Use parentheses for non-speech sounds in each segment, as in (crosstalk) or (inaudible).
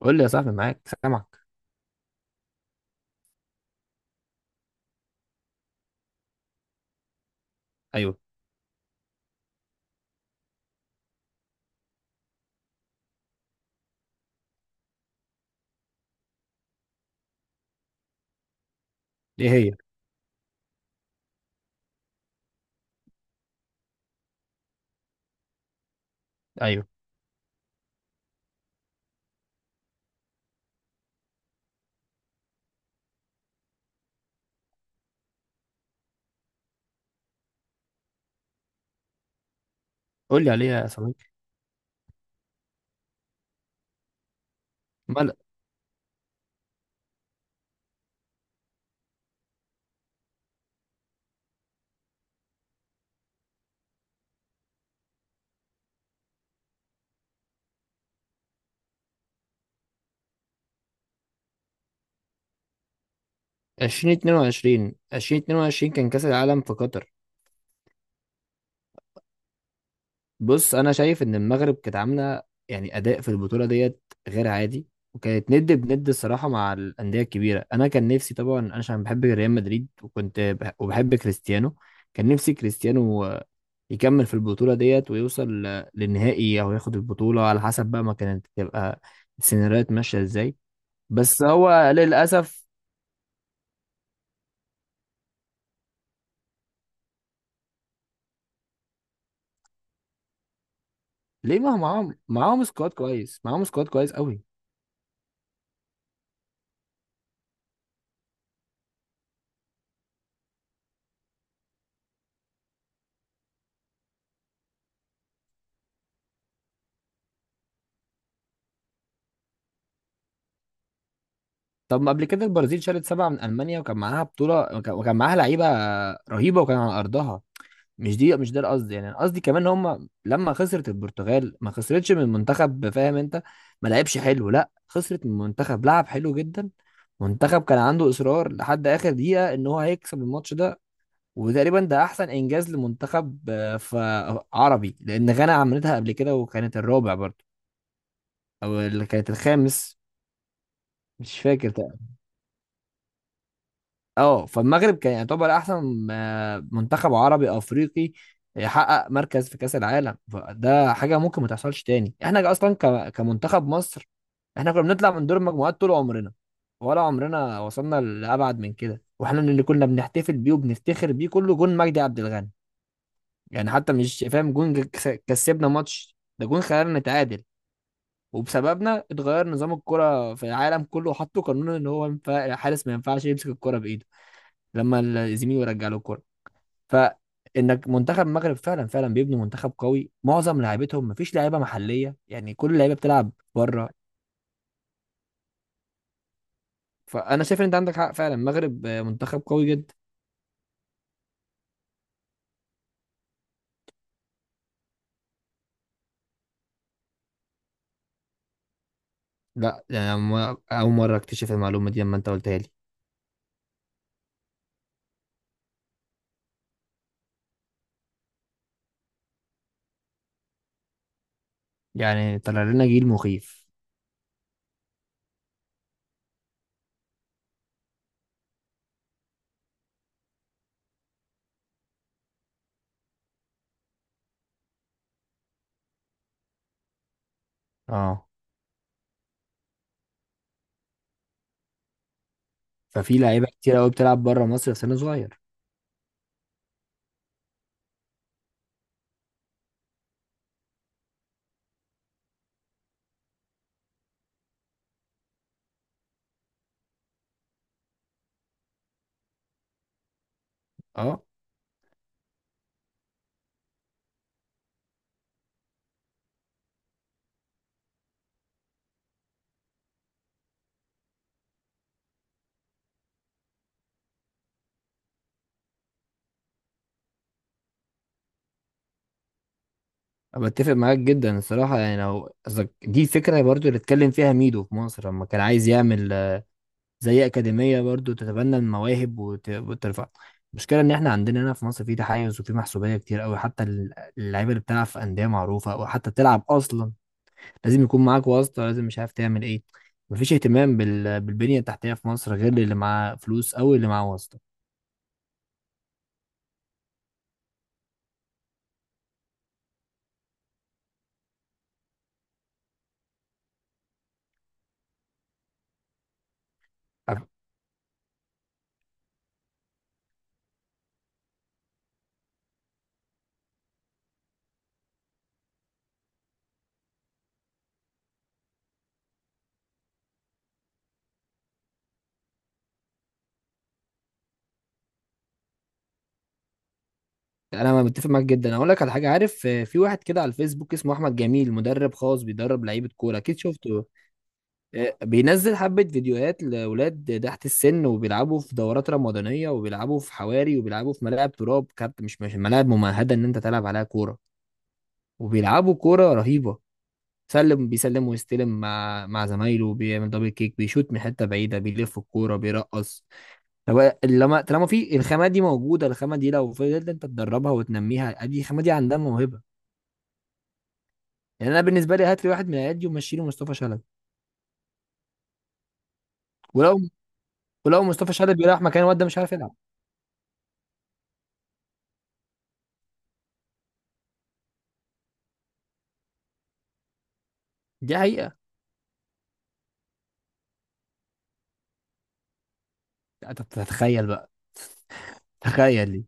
قول لي يا صاحبي، معاك، سامعك. ايوه. ايه هي؟ ايوه، قول لي عليها يا صديقي. مال؟ 2022، 2022 كان كاس العالم في قطر. بص، انا شايف ان المغرب كانت عامله يعني اداء في البطوله ديت غير عادي، وكانت ند بند الصراحه مع الانديه الكبيره. انا كان نفسي طبعا، انا عشان بحب ريال مدريد، وبحب كريستيانو. كان نفسي كريستيانو يكمل في البطوله ديت ويوصل للنهائي، او ياخد البطوله على حسب بقى ما كانت تبقى السيناريوهات ماشيه ازاي. بس هو للاسف. ليه؟ ما هو معاهم سكواد كويس، معاهم سكواد كويس قوي. طب، ما قبل كده البرازيل شالت سبعة من المانيا، وكان معاها بطوله وكان معاها لعيبه رهيبه وكان على ارضها. مش دي، مش ده القصد يعني. أنا قصدي كمان، هم لما خسرت البرتغال ما خسرتش من منتخب، فاهم انت؟ ما لعبش حلو، لا، خسرت من منتخب لعب حلو جدا. منتخب كان عنده اصرار لحد اخر دقيقه ان هو هيكسب الماتش ده. وتقريبا ده احسن انجاز لمنتخب عربي، لان غانا عملتها قبل كده وكانت الرابع برضه، او اللي كانت الخامس. مش فاكر. اه، فالمغرب كان يعتبر احسن منتخب عربي افريقي يحقق مركز في كاس العالم. فده حاجه ممكن ما تحصلش تاني. احنا اصلا كمنتخب مصر، احنا كنا بنطلع من دور المجموعات طول عمرنا، ولا عمرنا وصلنا لابعد من كده. واحنا اللي كنا بنحتفل بيه وبنفتخر بيه كله جون مجدي عبد الغني. يعني حتى، مش فاهم، جون كسبنا ماتش ده؟ جون خلانا نتعادل، وبسببنا اتغير نظام الكرة في العالم كله، وحطوا قانون ان هو ينفع الحارس ما ينفعش يمسك الكرة بايده لما الزميل يرجع له الكرة. فانك، منتخب المغرب فعلا فعلا بيبنوا منتخب قوي. معظم لعيبتهم، مفيش لعيبة محلية يعني، كل اللعيبة بتلعب بره. فانا شايف ان انت عندك حق فعلا، المغرب منتخب قوي جدا. لا يعني، اول مرة اكتشف المعلومة دي لما انت قلتها لي. يعني طلع لنا جيل مخيف. اه، ففي لعيبة كتير قوي بتلعب بره مصر في سن صغير. اه، بتفق معاك جدا الصراحة. يعني لو قصدك دي، فكرة برضو اللي اتكلم فيها ميدو في مصر لما كان عايز يعمل زي أكاديمية برضو تتبنى المواهب وترفع. المشكلة إن إحنا عندنا هنا في مصر في تحيز وفي محسوبية كتير أوي. حتى اللعيبة اللي بتلعب في أندية معروفة أو حتى بتلعب أصلا، لازم يكون معاك واسطة، لازم، مش عارف تعمل إيه. مفيش اهتمام بالبنية التحتية في مصر غير اللي معاه فلوس أو اللي معاه واسطة. يعني انا متفق معاك جدا. اقول لك على حاجه، عارف في واحد كده على الفيسبوك اسمه احمد جميل، مدرب خاص بيدرب لعيبه كوره، اكيد شفته. بينزل حبه فيديوهات لاولاد تحت السن، وبيلعبوا في دورات رمضانيه وبيلعبوا في حواري وبيلعبوا في ملاعب تراب كارت، مش ملاعب ممهده ان انت تلعب عليها كوره. وبيلعبوا كوره رهيبه، سلم بيسلم ويستلم مع زمايله، بيعمل دبل كيك، بيشوت من حته بعيده، بيلف الكوره، بيرقص. طب لما طالما في الخامه دي موجوده، الخامه دي لو فضلت انت تدربها وتنميها، ادي الخامه دي عندها موهبه. يعني انا بالنسبه لي، هات لي واحد من ايادي ومشي له مصطفى شلبي. ولو ولو مصطفى شلبي راح مكان الواد ده، مش عارف يلعب. دي حقيقه. أنت تتخيل بقى، تخيل دي.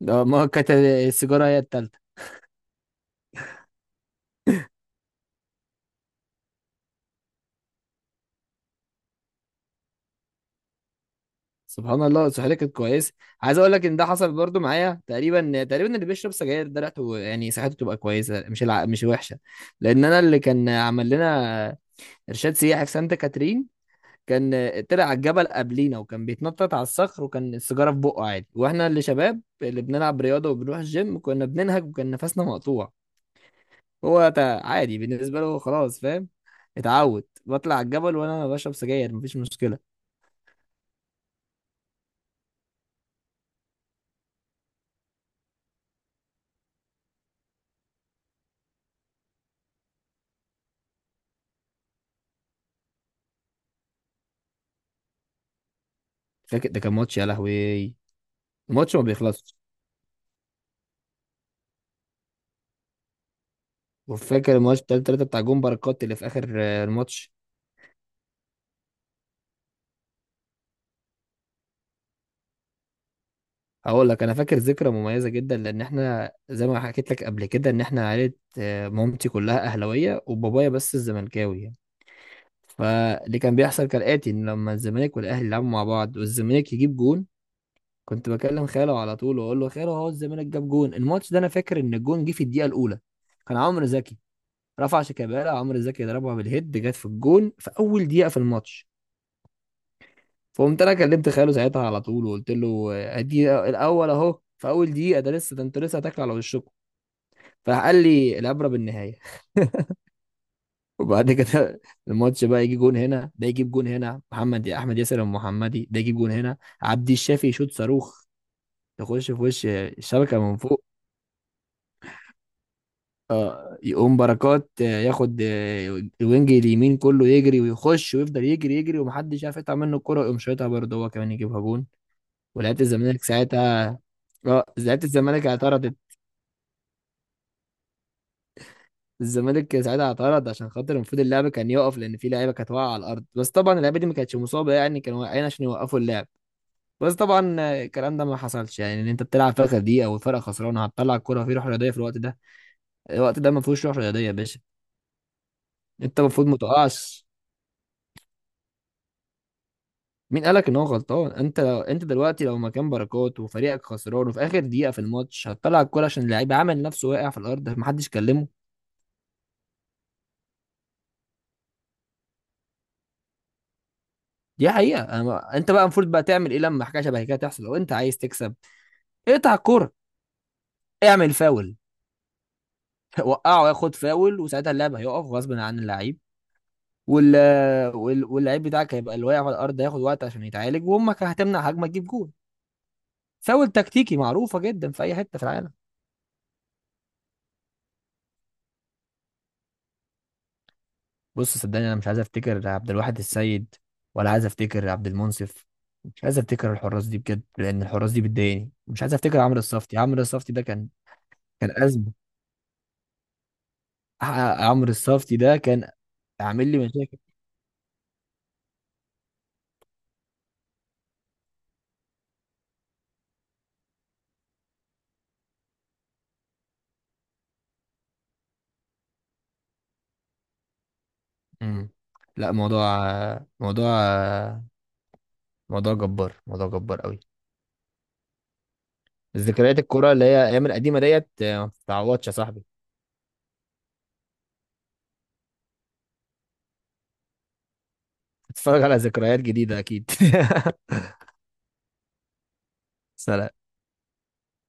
ده ما كانت السيجاره هي التالتة. سبحان الله، صحتي كانت كويسه. عايز اقول لك ان ده حصل برضو معايا. تقريبا تقريبا اللي بيشرب سجاير ده ريحته، يعني صحته تبقى كويسه، مش وحشه. لان انا، اللي كان عمل لنا ارشاد سياحي في سانتا كاترين، كان طلع على الجبل قبلينا وكان بيتنطط على الصخر، وكان السيجاره في بقه عادي. واحنا اللي شباب اللي بنلعب رياضه وبنروح الجيم كنا بننهج وكان نفسنا مقطوع. هو عادي بالنسبه له خلاص، فاهم؟ اتعود بطلع على الجبل وانا بشرب سجاير، مفيش مشكله. فاكر، ده كان ماتش يا لهوي، الماتش ما بيخلصش. وفاكر الماتش بتاع التلاتة بتاع جون بركات اللي في اخر الماتش. هقول لك، انا فاكر ذكرى مميزه جدا، لان احنا زي ما حكيت لك قبل كده، ان احنا عائله مامتي كلها اهلاويه، وبابايا بس الزملكاوي. فاللي كان بيحصل كالآتي: إن لما الزمالك والأهلي يلعبوا مع بعض والزمالك يجيب جون، كنت بكلم خاله على طول وأقول له: خاله، هو الزمالك جاب جون الماتش ده. أنا فاكر إن الجون جه في الدقيقة الأولى، كان عمرو زكي رفع شيكابالا، عمرو زكي ضربها بالهيد، جت في الجون في أول دقيقة في الماتش. فقمت أنا كلمت خاله ساعتها على طول وقلت له: أدي الأول أهو في أول دقيقة، ده لسه، ده أنتوا لسه هتاكلوا على وشكم. فراح قال لي: العبرة بالنهاية. (laughs) وبعد كده (laughs) الماتش بقى، يجي جون هنا، ده يجيب جون هنا محمد احمد ياسر المحمدي، ده يجيب جون هنا عبد الشافي يشوط صاروخ تخش في وش الشبكه من فوق. آه، يقوم بركات ياخد الوينج اليمين كله، يجري ويخش ويفضل يجري يجري ومحدش عارف يقطع منه الكرة، يقوم شايطها برضه هو كمان يجيبها جون. ولعيبة الزمالك ساعتها. اه، لعيبة الزمالك اعترضت. الزمالك ساعتها اعترض عشان خاطر المفروض اللعب كان يقف، لان في لعيبه كانت واقعه على الارض. بس طبعا اللعيبه دي ما كانتش مصابه يعني، كانوا واقعين عشان يوقفوا اللعب. بس طبعا الكلام ده ما حصلش. يعني ان انت بتلعب فرقه دي او فرقه خسرانه، هتطلع الكوره؟ فيه روح رياضيه في الوقت ده؟ الوقت ده ما فيهوش روح رياضيه يا باشا. انت المفروض ما تقعش. مين قالك ان هو غلطان؟ انت لو انت دلوقتي لو مكان بركات وفريقك خسران وفي اخر دقيقه في الماتش، هتطلع الكوره عشان اللعيب عامل نفسه واقع في الارض؟ محدش كلمه. دي حقيقه. أنا ما... انت بقى المفروض بقى تعمل ايه لما حاجه شبه كده تحصل لو انت عايز تكسب؟ اقطع الكوره، اعمل فاول، (laughs) وقعه ياخد فاول، وساعتها اللعب هيقف غصب عن اللعيب. وال واللعيب بتاعك هيبقى اللي واقع على الارض، هياخد وقت عشان يتعالج، وامك هتمنع هجمه تجيب جول. فاول تكتيكي معروفه جدا في اي حته في العالم. بص صدقني، انا مش عايز افتكر عبد الواحد السيد، ولا عايز افتكر عبد المنصف، مش عايز افتكر الحراس دي بجد، لان الحراس دي بتضايقني. مش عايز افتكر عمرو الصفتي. عمرو الصفتي ده كان، كان ازمه. عمرو الصفتي ده كان عامل لي مشاكل. امم لا، موضوع، موضوع موضوع جبار، موضوع جبار قوي. ذكريات الكرة اللي هي ايام القديمه ديت ما بتتعوضش يا صاحبي. اتفرج على ذكريات جديدة أكيد. (laughs) سلام.